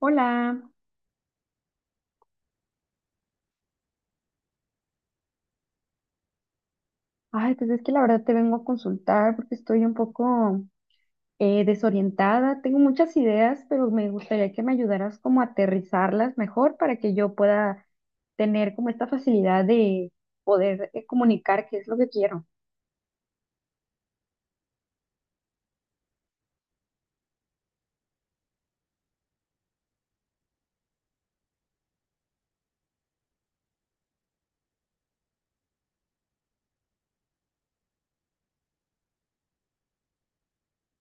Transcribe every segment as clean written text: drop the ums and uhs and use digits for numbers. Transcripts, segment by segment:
Hola. Ay, pues es que la verdad te vengo a consultar porque estoy un poco desorientada. Tengo muchas ideas, pero me gustaría que me ayudaras como a aterrizarlas mejor para que yo pueda tener como esta facilidad de poder comunicar qué es lo que quiero.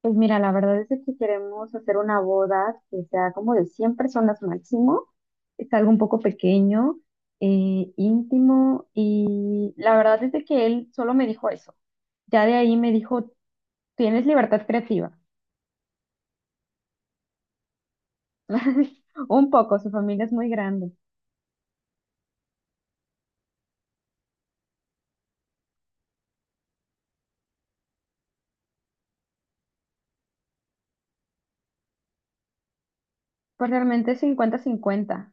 Pues mira, la verdad es de que queremos hacer una boda que sea como de 100 personas máximo. Es algo un poco pequeño, íntimo, y la verdad es de que él solo me dijo eso. Ya de ahí me dijo, tienes libertad creativa. Un poco, su familia es muy grande. Pues realmente es cincuenta 50.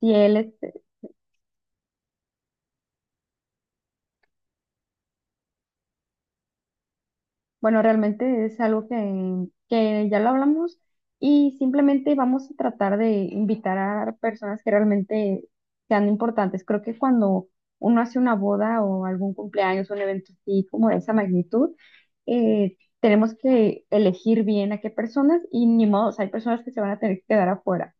Si él, este, bueno, realmente es algo que ya lo hablamos y simplemente vamos a tratar de invitar a personas que realmente sean importantes. Creo que cuando uno hace una boda o algún cumpleaños, un evento así como de esa magnitud, tenemos que elegir bien a qué personas, y ni modo, o sea, hay personas que se van a tener que quedar afuera.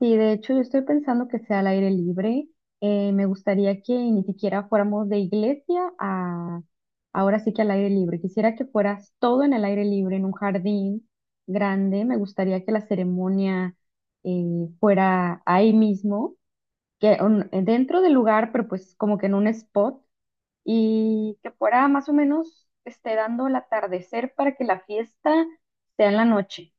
Sí, de hecho yo estoy pensando que sea al aire libre. Me gustaría que ni siquiera fuéramos de iglesia a ahora sí que al aire libre. Quisiera que fueras todo en el aire libre, en un jardín grande. Me gustaría que la ceremonia fuera ahí mismo, dentro del lugar, pero pues como que en un spot, y que fuera más o menos esté dando el atardecer para que la fiesta sea en la noche.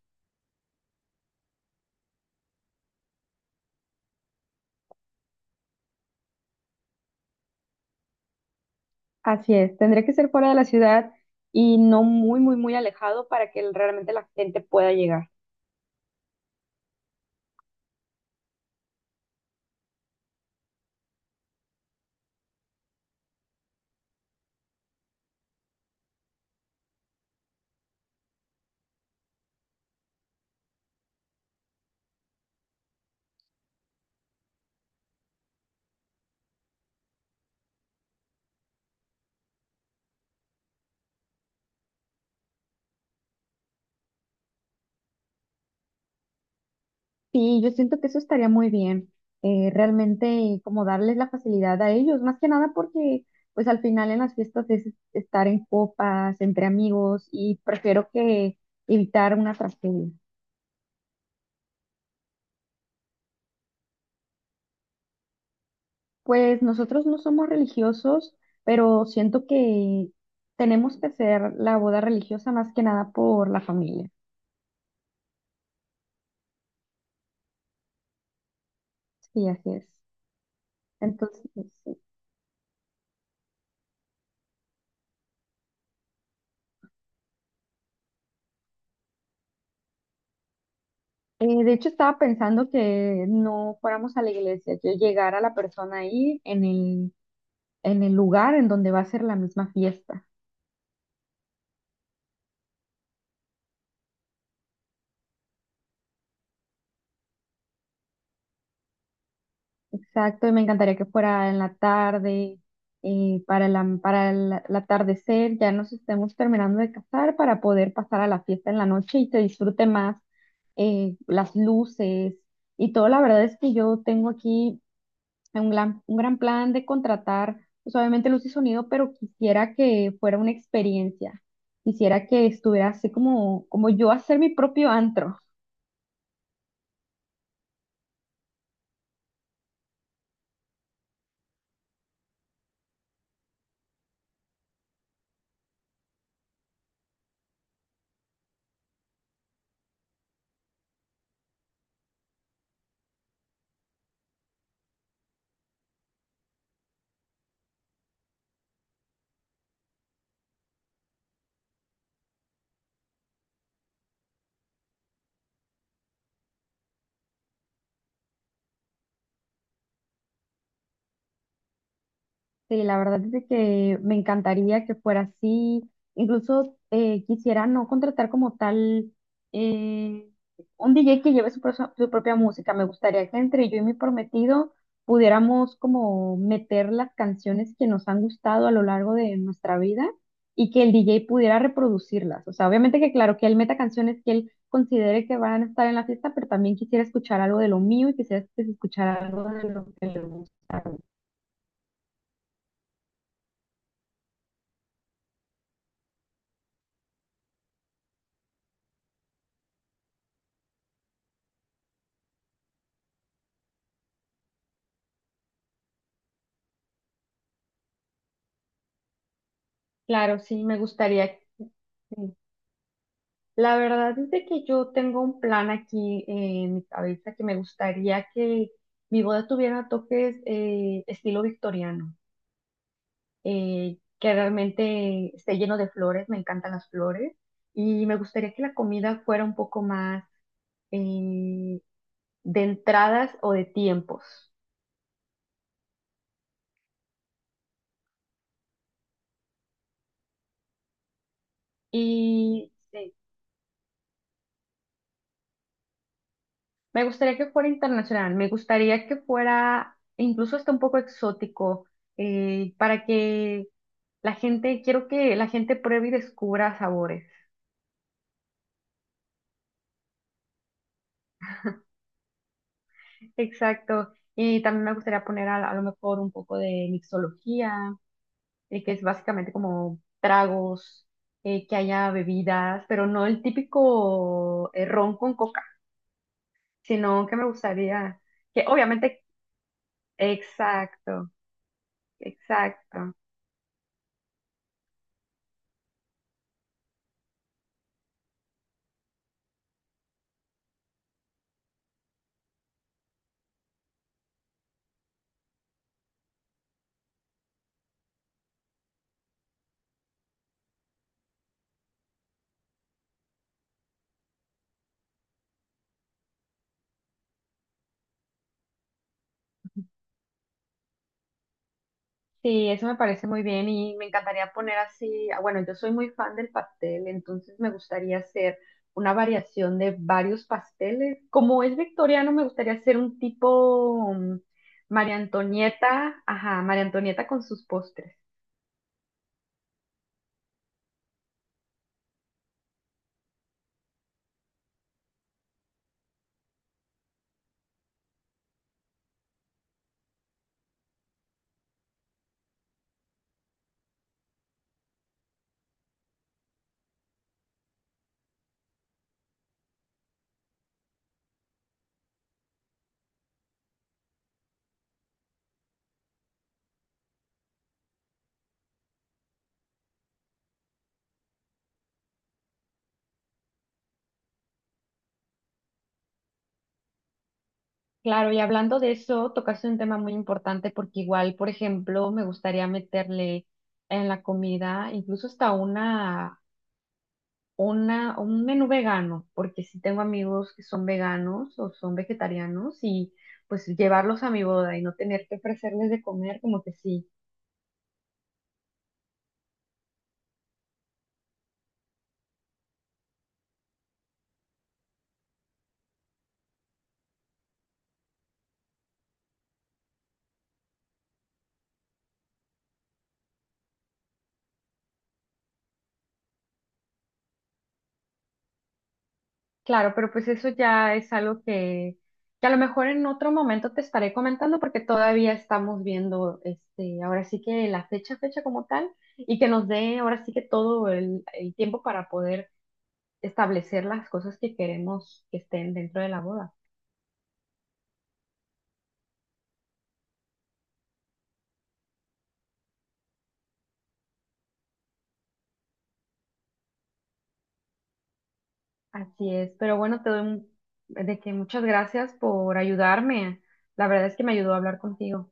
Así es, tendría que ser fuera de la ciudad y no muy, muy, muy alejado para que realmente la gente pueda llegar. Sí, yo siento que eso estaría muy bien, realmente como darles la facilidad a ellos, más que nada porque pues al final en las fiestas es estar en copas, entre amigos, y prefiero que evitar una tragedia. Pues nosotros no somos religiosos, pero siento que tenemos que hacer la boda religiosa más que nada por la familia. Sí, así es. Entonces, sí. De hecho, estaba pensando que no fuéramos a la iglesia, que llegara la persona ahí en el lugar en donde va a ser la misma fiesta. Exacto, y me encantaría que fuera en la tarde, para para el atardecer, ya nos estemos terminando de casar para poder pasar a la fiesta en la noche y se disfrute más las luces y todo. La verdad es que yo tengo aquí un gran plan de contratar, pues obviamente luz y sonido, pero quisiera que fuera una experiencia. Quisiera que estuviera así como, como yo hacer mi propio antro. Sí, la verdad es de que me encantaría que fuera así. Incluso quisiera no contratar como tal eh, un DJ que lleve su propia música. Me gustaría que entre yo y mi prometido pudiéramos como meter las canciones que nos han gustado a lo largo de nuestra vida y que el DJ pudiera reproducirlas. O sea, obviamente que claro, que él meta canciones que él considere que van a estar en la fiesta, pero también quisiera escuchar algo de lo mío y quisiera escuchar algo de lo que le... Claro, sí, me gustaría. Sí, la verdad es de que yo tengo un plan aquí en mi cabeza, que me gustaría que mi boda tuviera toques estilo victoriano, que realmente esté lleno de flores, me encantan las flores, y me gustaría que la comida fuera un poco más eh, de entradas o de tiempos. Y sí. Me gustaría que fuera internacional, me gustaría que fuera incluso hasta un poco exótico, para que la gente, quiero que la gente pruebe y descubra sabores. Exacto. Y también me gustaría poner a lo mejor un poco de mixología, que es básicamente como tragos, que haya bebidas, pero no el típico ron con coca, sino que me gustaría que obviamente, exacto, exacto. Sí, eso me parece muy bien, y me encantaría poner así, ah, bueno, yo soy muy fan del pastel, entonces me gustaría hacer una variación de varios pasteles. Como es victoriano, me gustaría hacer un tipo María Antonieta, ajá, María Antonieta con sus postres. Claro, y hablando de eso, tocaste un tema muy importante porque igual, por ejemplo, me gustaría meterle en la comida incluso hasta una un menú vegano, porque sí tengo amigos que son veganos o son vegetarianos, y pues llevarlos a mi boda y no tener que ofrecerles de comer, como que sí. Claro, pero pues eso ya es algo que a lo mejor en otro momento te estaré comentando porque todavía estamos viendo, este, ahora sí que la fecha, fecha como tal, y que nos dé ahora sí que todo el tiempo para poder establecer las cosas que queremos que estén dentro de la boda. Así es, pero bueno, de que muchas gracias por ayudarme. La verdad es que me ayudó a hablar contigo.